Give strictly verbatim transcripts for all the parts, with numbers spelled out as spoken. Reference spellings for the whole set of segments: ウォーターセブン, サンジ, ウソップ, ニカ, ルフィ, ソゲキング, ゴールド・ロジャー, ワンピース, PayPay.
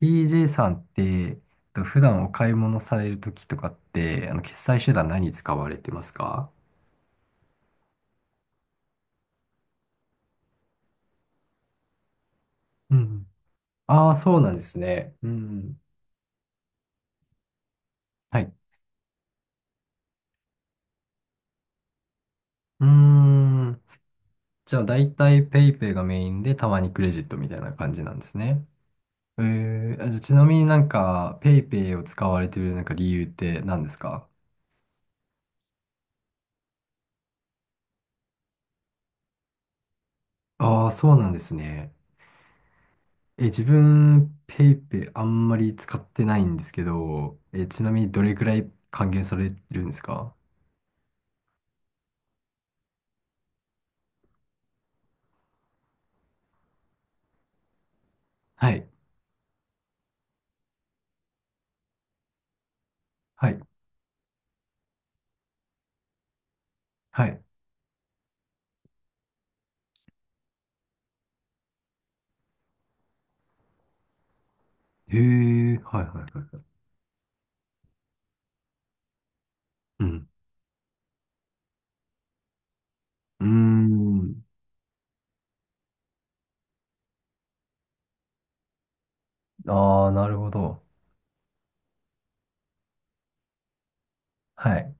ティージェー さんって、えっと普段お買い物されるときとかって、あの、決済手段何使われてますか？うん。ああ、そうなんですね。うん。はい。うーん。じゃあ、だいたい PayPay がメインで、たまにクレジットみたいな感じなんですね。えー、あじゃあちなみになんか、PayPay を使われてるなんか理由って何ですか？ああ、そうなんですね。え、自分、ペイペイあんまり使ってないんですけど、え、ちなみにどれくらい還元されるんですか？はい。はい。はい。へえ、はいはいはい。うん。うーん。ああ、なるほど。はい。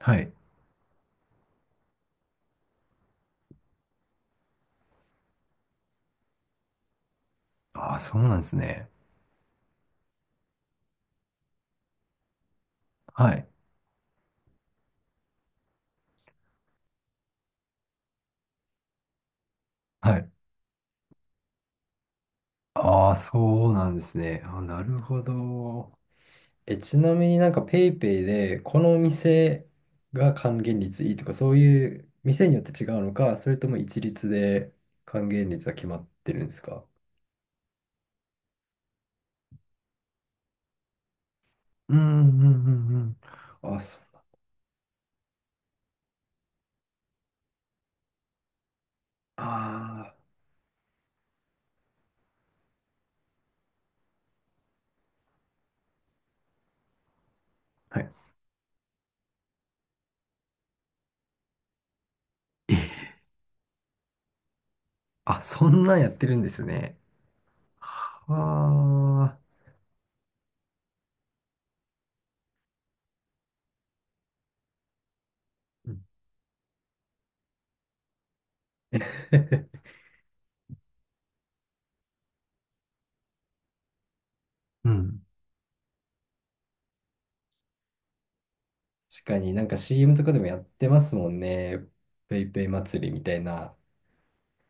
はい。ああ、そうなんですね。はい。はい。ああ、そうなんですね。あー、なるほど。え、ちなみになんか PayPay で、このお店が還元率いいとか、そういう店によって違うのか、それとも一律で還元率が決まってるんですか？うんうんうんうん。あ、そう。ああ。はい。あ、そんなんやってるんですね。ああ、うん うん。確かになんか シーエム とかでもやってますもんね。ペイペイ祭りみたいな。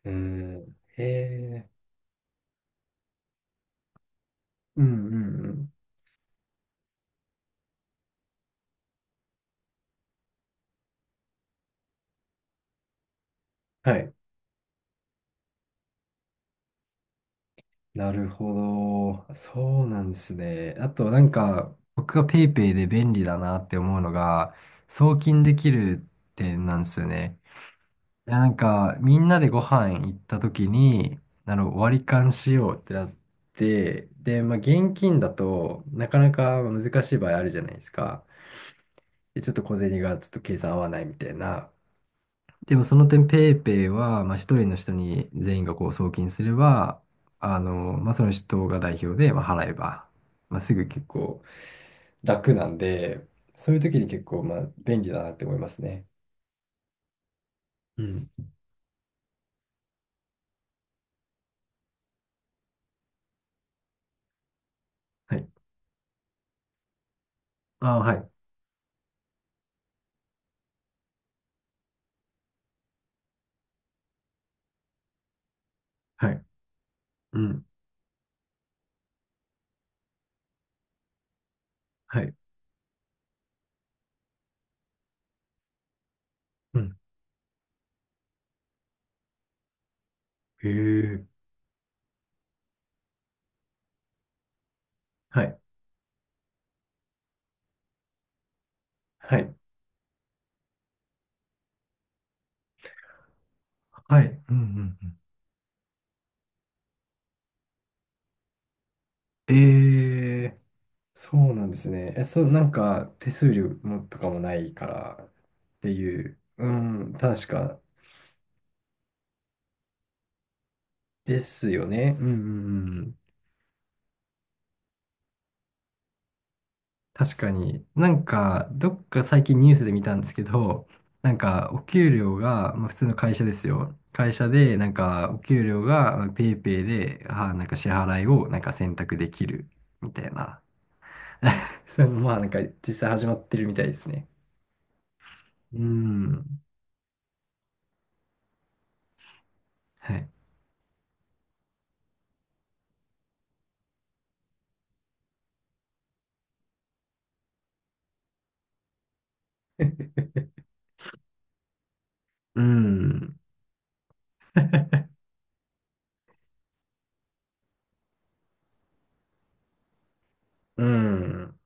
うん。へえ。うんうんうん。はい。なるほど。そうなんですね。あとなんか、僕がペイペイで便利だなって思うのが、送金できる点なんですよね。いや、なんか、みんなでご飯行った時に、あの、割り勘しようってなって、で、まあ、現金だとなかなか難しい場合あるじゃないですか。で、ちょっと小銭がちょっと計算合わないみたいな。でも、その点、ペイペイは、まあ、一人の人に全員がこう送金すれば、あの、まあ、その人が代表で、まあ、払えば、まあ、すぐ結構楽なんで、そういう時に結構、まあ、便利だなって思いますね。うん。はい。ああ、はい。はい。うん。はい。うんへえ。はい。はい。はい。うんうんうん。ええ、そうなんですね。え、そう、なんか、手数料もとかもないからっていう、うん、確かですよね。うんうんうん。確かに。なんか、どっか最近ニュースで見たんですけど、なんか、お給料が、まあ、普通の会社ですよ。会社で、なんか、お給料が、まあペイペイで、あ、なんか支払いを、なんか選択できるみたいな。そのまあなんか実際始まってるみたいですね。うーん。はい。うーん。うーん。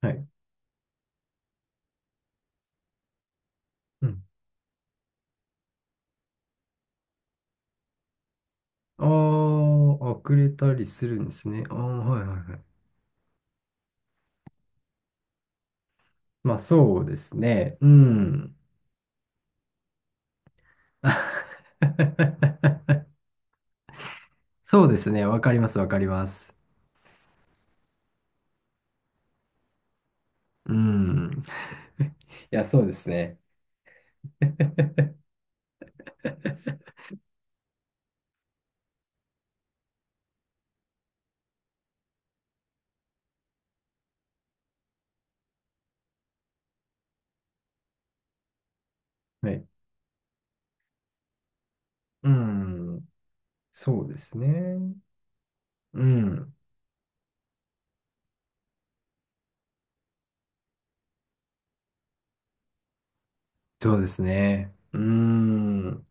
はい。うん。ああ、あくれたりするんですね。ああ、はいはいはい。まあそうですね。うん。そうですね。わかります、わかります。うん。いや、そうですね。はい。うん。そうですね。うん。そうですね。うん。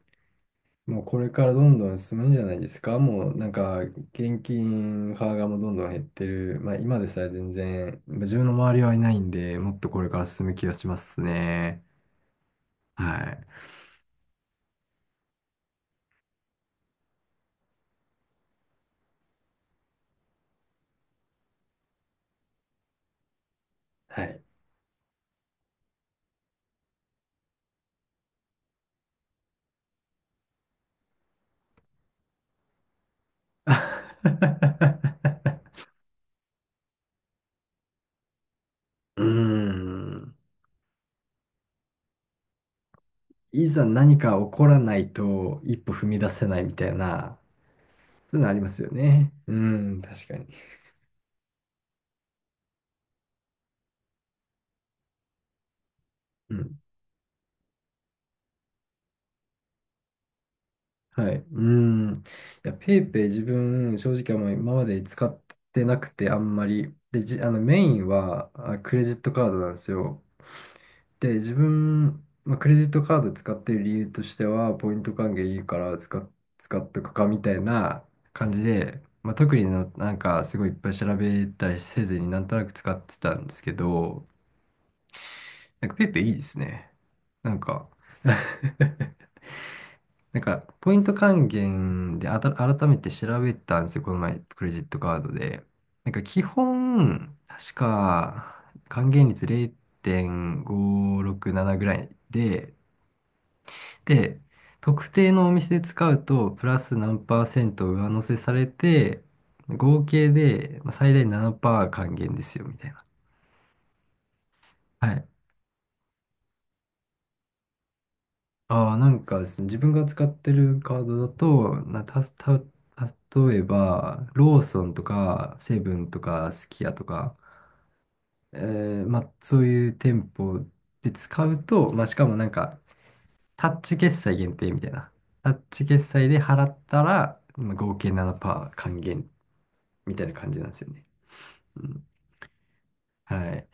もうこれからどんどん進むんじゃないですか。もうなんか現金派がもうどんどん減ってる。まあ今でさえ全然、まあ自分の周りはいないんで、もっとこれから進む気がしますね。はい。はい。うーん。いざ何か起こらないと一歩踏み出せないみたいな、そういうのありますよね。うん、確かに。うんはい。うーん。いや、ペイペイ自分、正直あんまり今まで使ってなくて、あんまり。で、じ、あの、メインは、あ、クレジットカードなんですよ。で、自分、まあ、クレジットカード使ってる理由としては、ポイント還元いいから使っ、使っとくかみたいな感じで、まあ、特にの、なんか、すごいいっぱい調べたりせずになんとなく使ってたんですけど、なんかペイペイいいですね。なんか なんか、ポイント還元であた改めて調べたんですよ、この前、クレジットカードで。なんか、基本、確か、還元率れいてんごろくななぐらいで、で、特定のお店で使うと、プラス何パーセント上乗せされて、合計でまあ最大ななパーセント還元ですよ、みたいな。はいああ、なんかですね、自分が使ってるカードだと、な、たす、た、例えば、ローソンとか、セブンとか、すき家とか、えー、まあ、そういう店舗で使うと、まあ、しかもなんか、タッチ決済限定みたいな。タッチ決済で払ったら、まあ、合計ななパーセント還元みたいな感じなんですよね。うん。はい。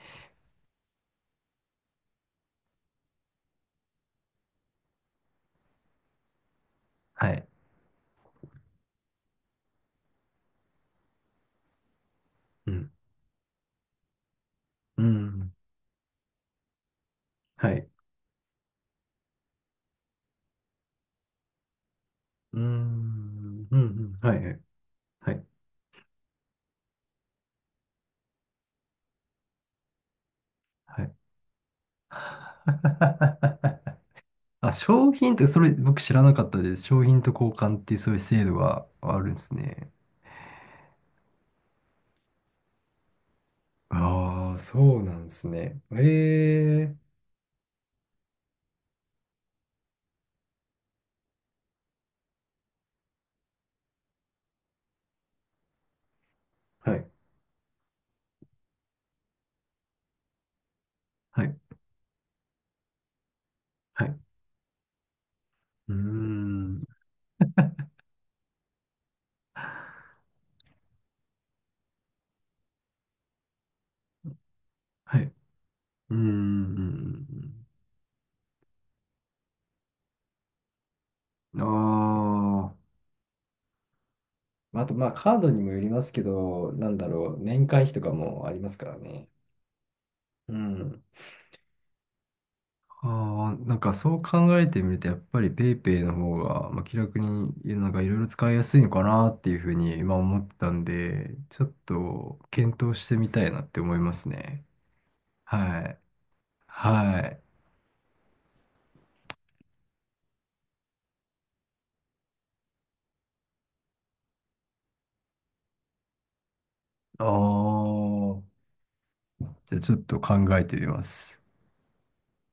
はい。うん。うん。はい。うーん。うん。うん。はい。はい。はい。はい あ、商品って、それ僕知らなかったです。商品と交換っていうそういう制度があるんですね。ああ、そうなんですね。ええはい、はい、はい。うーん、はい。うーん。ああ。あと、まあ、カードにもよりますけど、なんだろう、年会費とかもありますからね。うん。ああ、なんかそう考えてみると、やっぱり PayPay の方が、まあ、気楽に、なんかいろいろ使いやすいのかなっていうふうに今思ってたんで、ちょっと検討してみたいなって思いますね。はい。はい。ああ、じゃあちょっと考えてみます。